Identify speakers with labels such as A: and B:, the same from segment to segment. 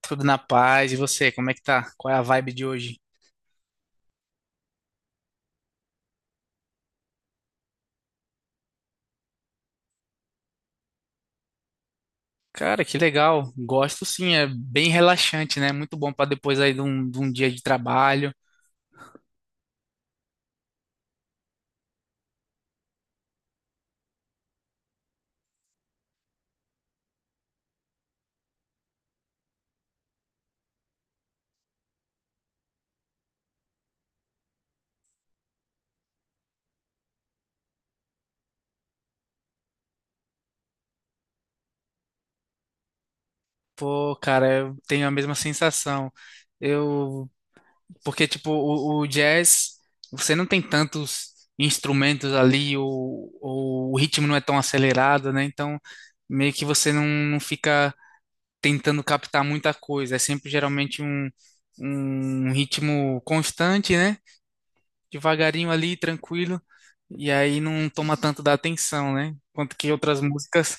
A: Tudo na paz. E você, como é que tá? Qual é a vibe de hoje? Cara, que legal. Gosto sim, é bem relaxante, né? Muito bom pra depois aí de um dia de trabalho. Pô, cara, eu tenho a mesma sensação. Eu, porque tipo, o jazz, você não tem tantos instrumentos ali, ou o ritmo não é tão acelerado, né? Então, meio que você não fica tentando captar muita coisa. É sempre geralmente um, um ritmo constante, né? Devagarinho ali, tranquilo, e aí não toma tanto da atenção, né? Quanto que outras músicas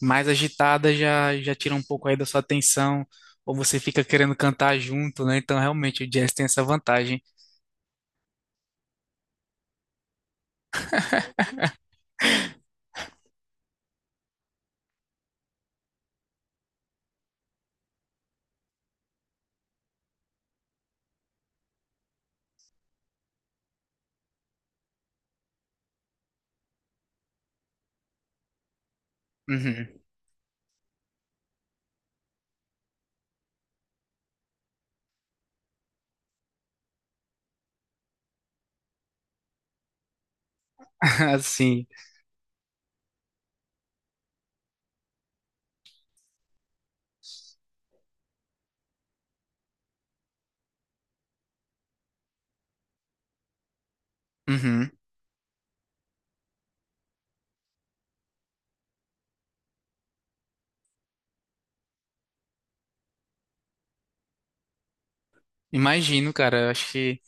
A: mais agitadas já tiram um pouco aí da sua atenção, ou você fica querendo cantar junto, né? Então, realmente, o jazz tem essa vantagem. Uhum. Assim. Uhum. Imagino, cara. Eu acho que,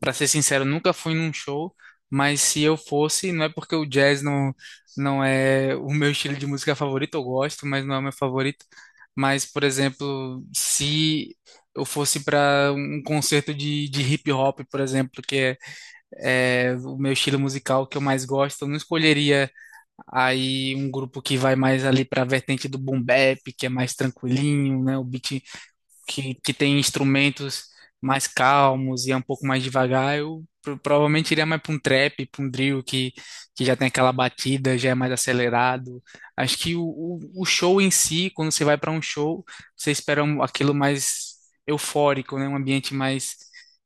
A: pra ser sincero, nunca fui num show, mas se eu fosse, não é porque o jazz não, não é o meu estilo de música favorito, eu gosto, mas não é o meu favorito. Mas, por exemplo, se eu fosse para um concerto de hip hop, por exemplo, que é o meu estilo musical que eu mais gosto, eu não escolheria aí um grupo que vai mais ali para a vertente do boom bap, que é mais tranquilinho, né? O beat que tem instrumentos mais calmos e é um pouco mais devagar, eu provavelmente iria mais para um trap, para um que já tem aquela batida, já é mais acelerado. Acho que o show em si, quando você vai para um show, você aquilo mais eufórico, né? Um ambiente mais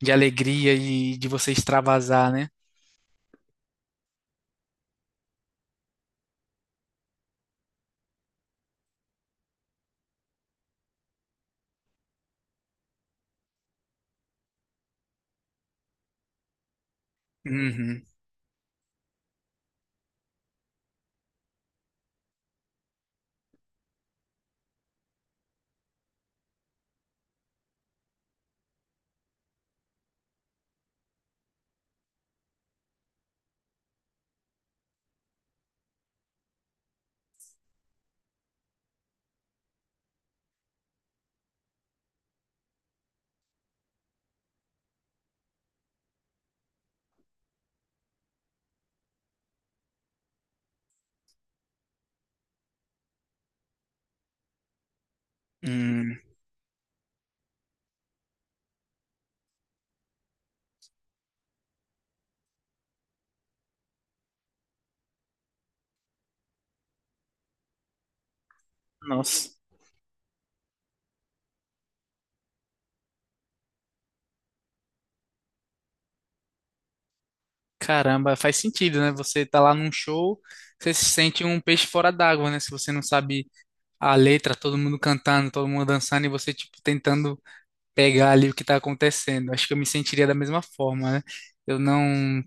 A: de alegria e de você extravasar, né? Uhum. Hum. Nossa. Caramba, faz sentido, né? Você tá lá num show, você se sente um peixe fora d'água, né? Se você não sabe a letra, todo mundo cantando, todo mundo dançando e você, tipo, tentando pegar ali o que tá acontecendo. Acho que eu me sentiria da mesma forma, né? Eu não,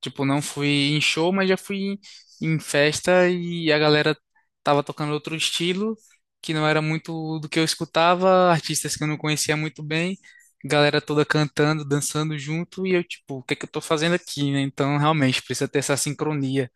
A: Tipo, não fui em show, mas já fui em, em festa e a galera tava tocando outro estilo, que não era muito do que eu escutava, artistas que eu não conhecia muito bem, galera toda cantando, dançando junto e eu, tipo, o que é que eu tô fazendo aqui, né? Então, realmente, precisa ter essa sincronia.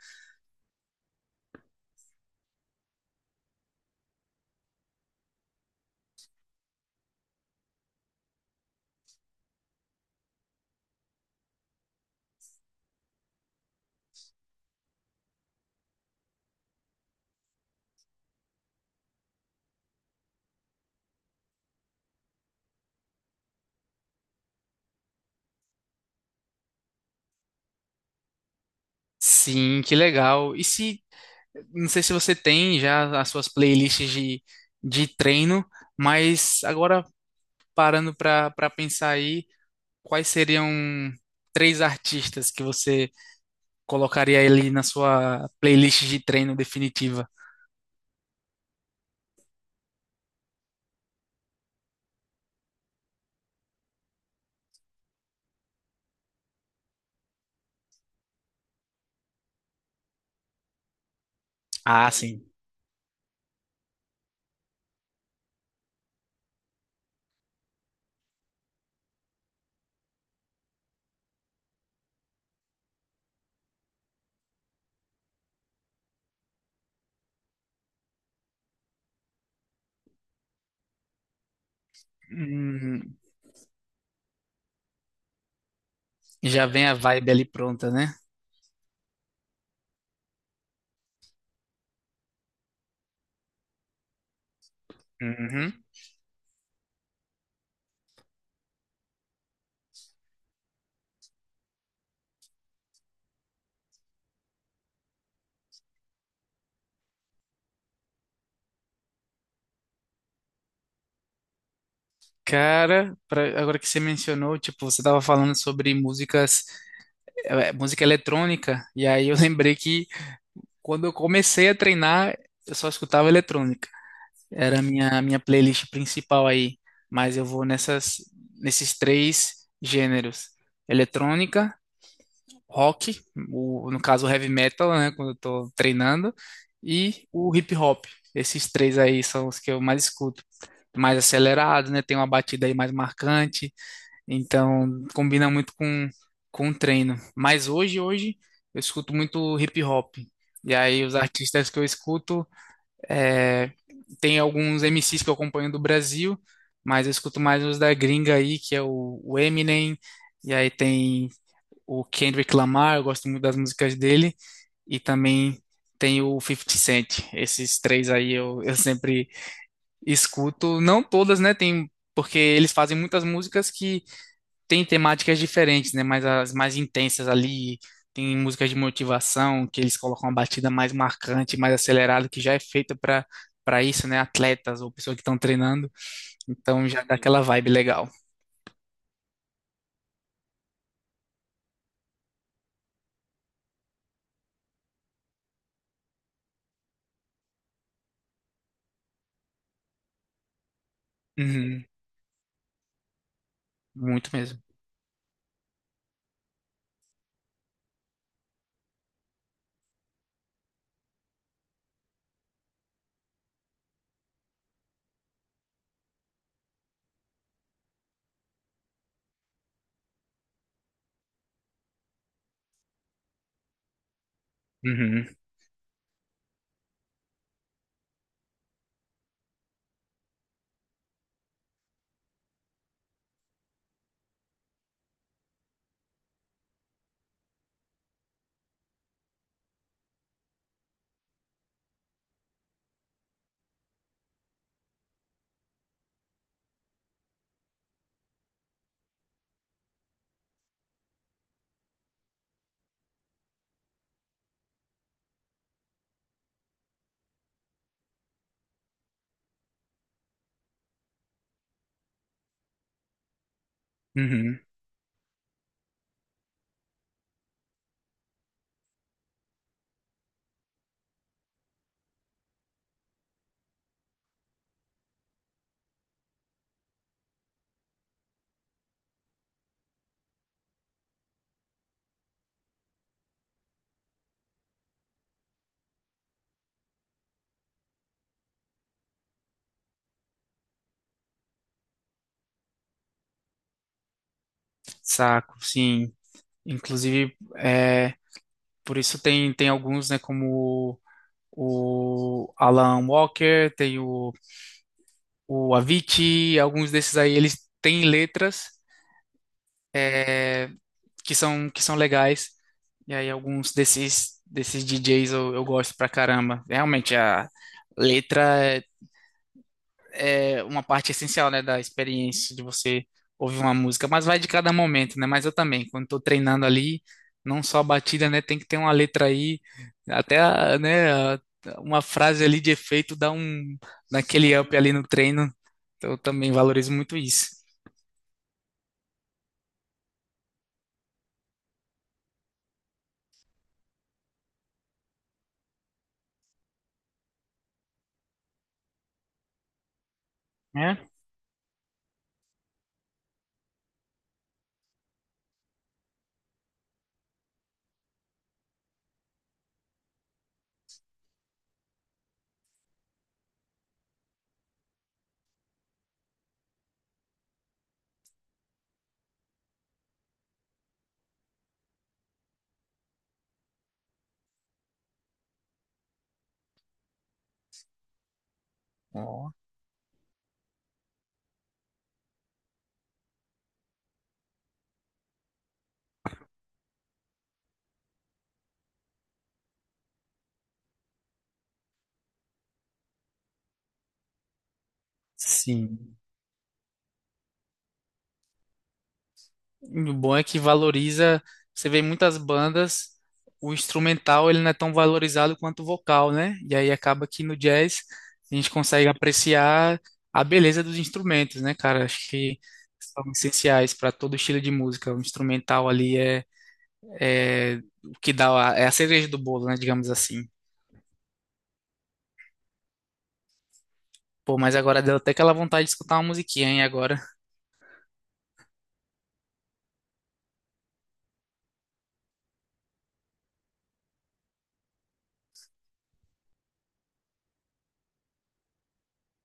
A: Sim, que legal. E se não sei se você tem já as suas playlists de treino, mas agora parando para pensar aí, quais seriam três artistas que você colocaria ali na sua playlist de treino definitiva? Ah, sim. Hum, já vem a vibe ali pronta, né? Uhum. Cara, agora que você mencionou, tipo, você tava falando sobre músicas, música eletrônica, e aí eu lembrei que quando eu comecei a treinar, eu só escutava eletrônica. Era a minha playlist principal aí, mas eu vou nesses três gêneros: eletrônica, rock, no caso o heavy metal, né, quando eu tô treinando, e o hip hop. Esses três aí são os que eu mais escuto. Mais acelerado, né? Tem uma batida aí mais marcante, então combina muito com o treino. Mas hoje, eu escuto muito hip hop. E aí os artistas que eu escuto. É, tem alguns MCs que eu acompanho do Brasil, mas eu escuto mais os da gringa aí, que é o Eminem, e aí tem o Kendrick Lamar, eu gosto muito das músicas dele, e também tem o Fifty Cent. Esses três aí eu sempre escuto, não todas, né? Tem, porque eles fazem muitas músicas que tem temáticas diferentes, né? Mas as mais intensas ali, tem músicas de motivação, que eles colocam uma batida mais marcante, mais acelerada, que já é feita para isso, né? Atletas ou pessoas que estão treinando. Então já dá aquela vibe legal. Uhum, muito mesmo. Uhum, uhum. Saco, sim. Inclusive, por isso tem alguns, né, como o Alan Walker, tem o Avicii, alguns desses aí, eles têm letras. É, que que são legais. E aí alguns desses DJs eu gosto pra caramba. Realmente, a letra é, é uma parte essencial, né, da experiência de você ouvir uma música, mas vai de cada momento, né? Mas eu também, quando tô treinando ali, não só a batida, né, tem que ter uma letra aí, até, a- né, a- uma frase ali de efeito dá um, naquele up ali no treino. Então eu também valorizo muito isso, né? Ó, sim. E o bom é que valoriza, você vê em muitas bandas, o instrumental ele não é tão valorizado quanto o vocal, né? E aí acaba que no jazz a gente consegue apreciar a beleza dos instrumentos, né, cara? Acho que são essenciais para todo estilo de música. O instrumental ali é o que dá, é a cereja do bolo, né, digamos assim. Pô, mas agora deu até aquela vontade de escutar uma musiquinha, hein, agora.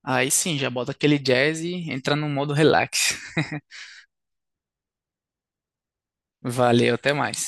A: Aí sim, já bota aquele jazz e entra no modo relax. Valeu, até mais.